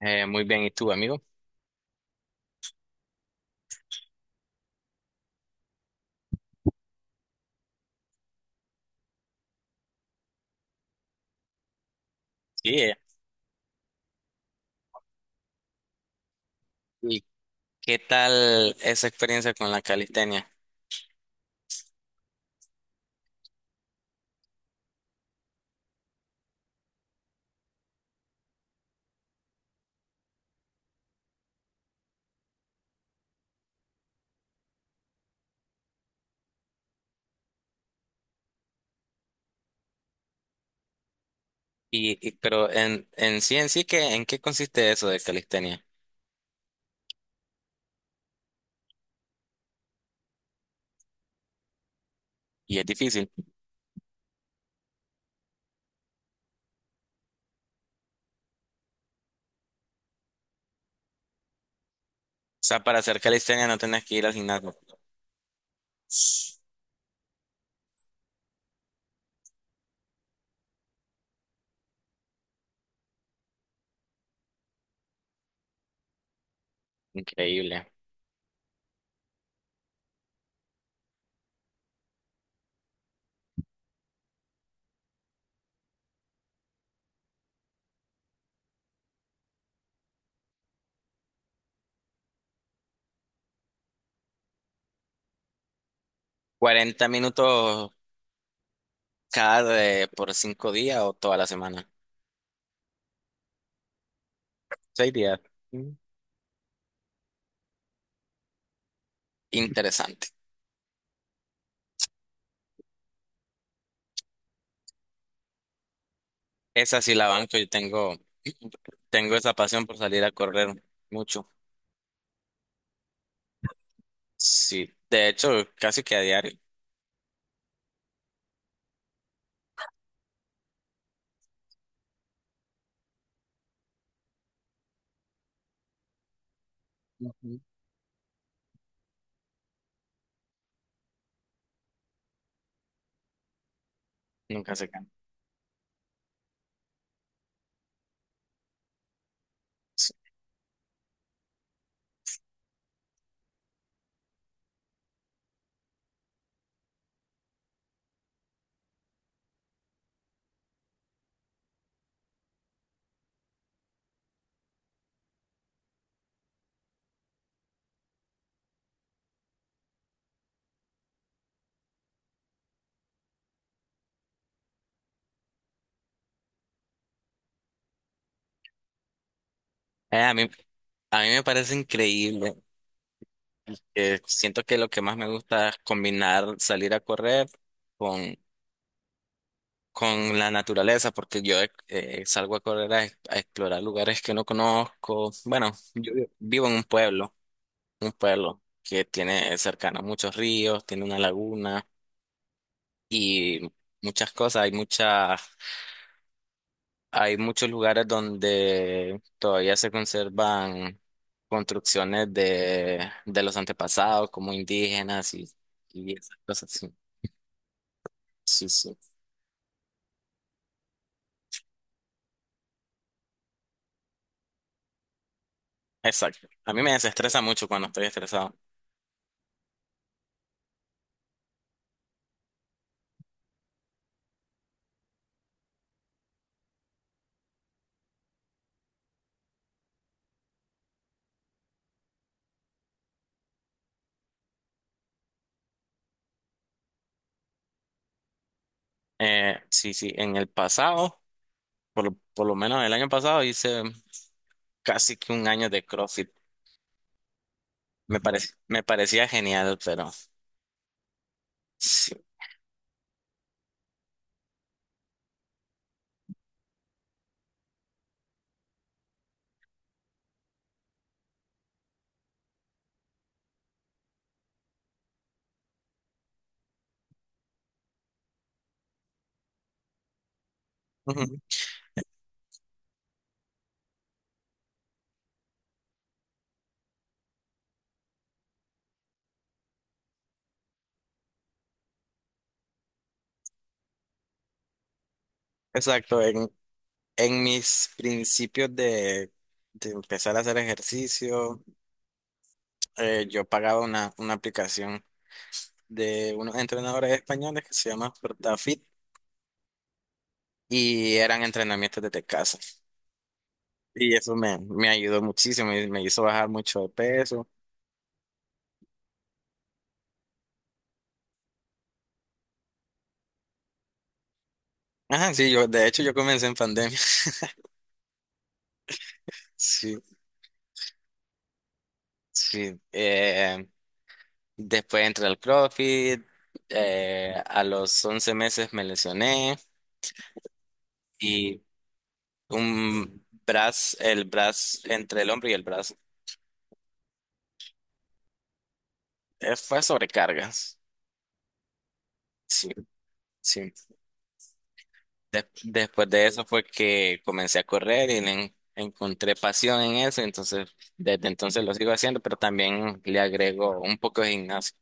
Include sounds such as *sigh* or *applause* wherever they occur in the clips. Muy bien, ¿y tú, amigo? Sí. ¿Y qué tal esa experiencia con la calistenia? Pero en sí, ¿en qué consiste eso de calistenia? Y es difícil. O sea, para hacer calistenia no tenés que ir al gimnasio. Increíble. ¿40 minutos cada por 5 días o toda la semana? 6 días. Mm. Interesante. Esa sí la banco, yo tengo, *clears throat* tengo esa pasión por salir a correr mucho. Sí, de hecho, casi que a diario. Ujú. Nunca se cansa. A mí, a mí me parece increíble. Siento que lo que más me gusta es combinar salir a correr con, con la naturaleza, porque yo salgo a correr a explorar lugares que no conozco. Bueno, yo vivo en un pueblo que tiene cercano muchos ríos, tiene una laguna y muchas cosas. Hay muchas. Hay muchos lugares donde todavía se conservan construcciones de los antepasados, como indígenas y esas cosas. Sí, sí, sí. Exacto. A mí me desestresa mucho cuando estoy estresado. Sí, sí, en el pasado, por lo menos el año pasado, hice casi que un año de CrossFit. Me pare- me parecía genial, pero sí. Ujú. Exacto, en mis principios de empezar a hacer ejercicio, yo pagaba una aplicación de unos entrenadores españoles que se llama FortaFit y eran entrenamientos desde casa. Y eso me ayudó muchísimo y me hizo bajar mucho de peso. Ajá, sí, de hecho yo comencé en pandemia. Sí, sí. Después entré al CrossFit, a los 11 meses me lesioné y un brazo, el brazo, entre el hombro y el brazo, fue sobrecargas. Sí, sí. Después de eso fue que comencé a correr y le encontré pasión en eso, entonces desde entonces lo sigo haciendo, pero también le agrego un poco de gimnasio.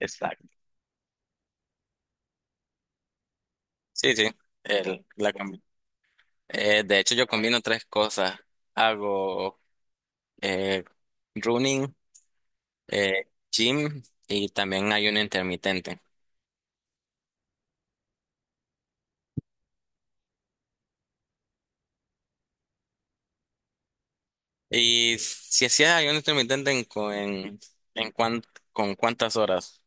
Exacto. Sí, sí. El, la, de hecho, yo combino tres cosas. Hago eh, running, gym y también ayuno intermitente. Y si hacías ayuno intermitente en, cu- en cuán- con cuántas horas?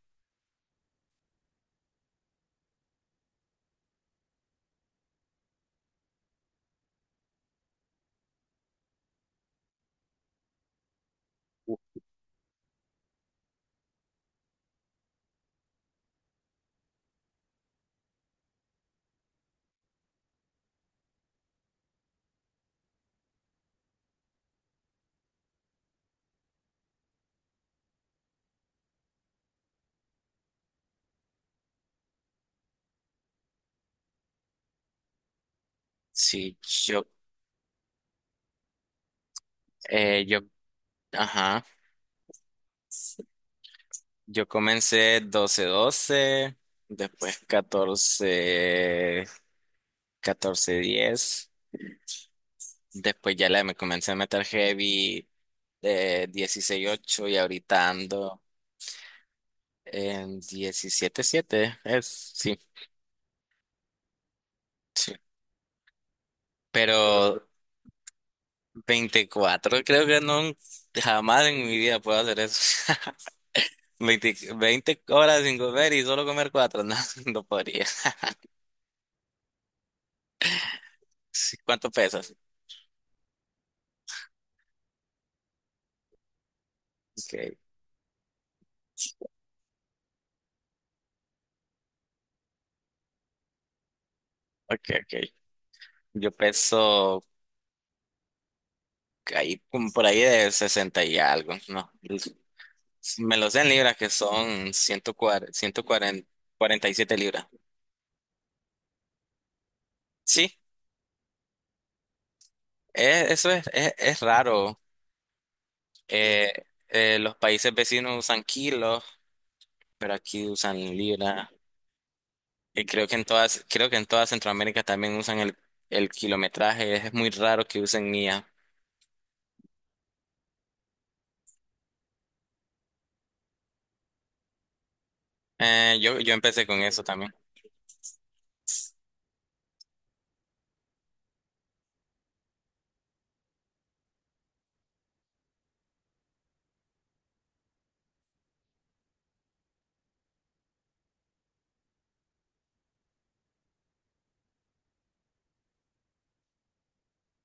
Sí, yo, eh, yo, ajá. Yo comencé 12/12, después catorce diez. Después ya le me comencé a meter heavy de 16/8 y ahorita ando en 17/7. Es, sí, sí. Pero 24 creo que no, jamás en mi vida puedo hacer eso. *laughs* Veinte horas sin comer y solo comer cuatro no, *laughs* no podría. Sí, ¿cuánto pesas? Okay, okay, okay. Yo peso ahí como por ahí de 60 y algo, ¿no? Si me lo sé en libras, que son 147 libras. Sí, eso es raro. Eh, los países vecinos usan kilos, pero aquí usan libras. Y creo que en todas, creo que en toda Centroamérica también usan el kilometraje. Es muy raro que usen millas. Yo empecé con eso también.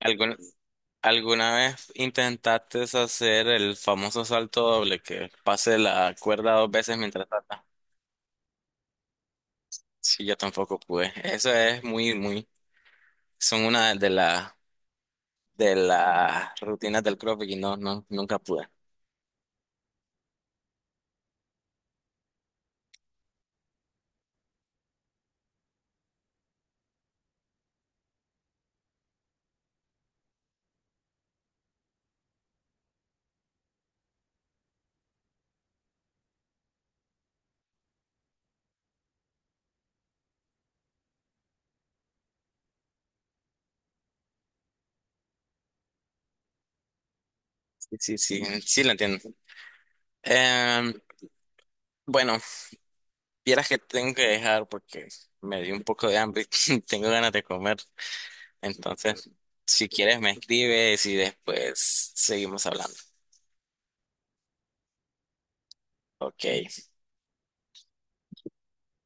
¿Alguna, alguna vez intentaste hacer el famoso salto doble que pase la cuerda dos veces mientras tratas? Sí, yo tampoco pude. Eso es muy, muy. Son una de las rutinas del CrossFit y no, no, nunca pude. Sí, sí, sí, sí lo entiendo. Em, bueno, vieras que tengo que dejar porque me dio un poco de hambre y *laughs* tengo ganas de comer. Entonces, si quieres me escribes y después seguimos hablando. Ok.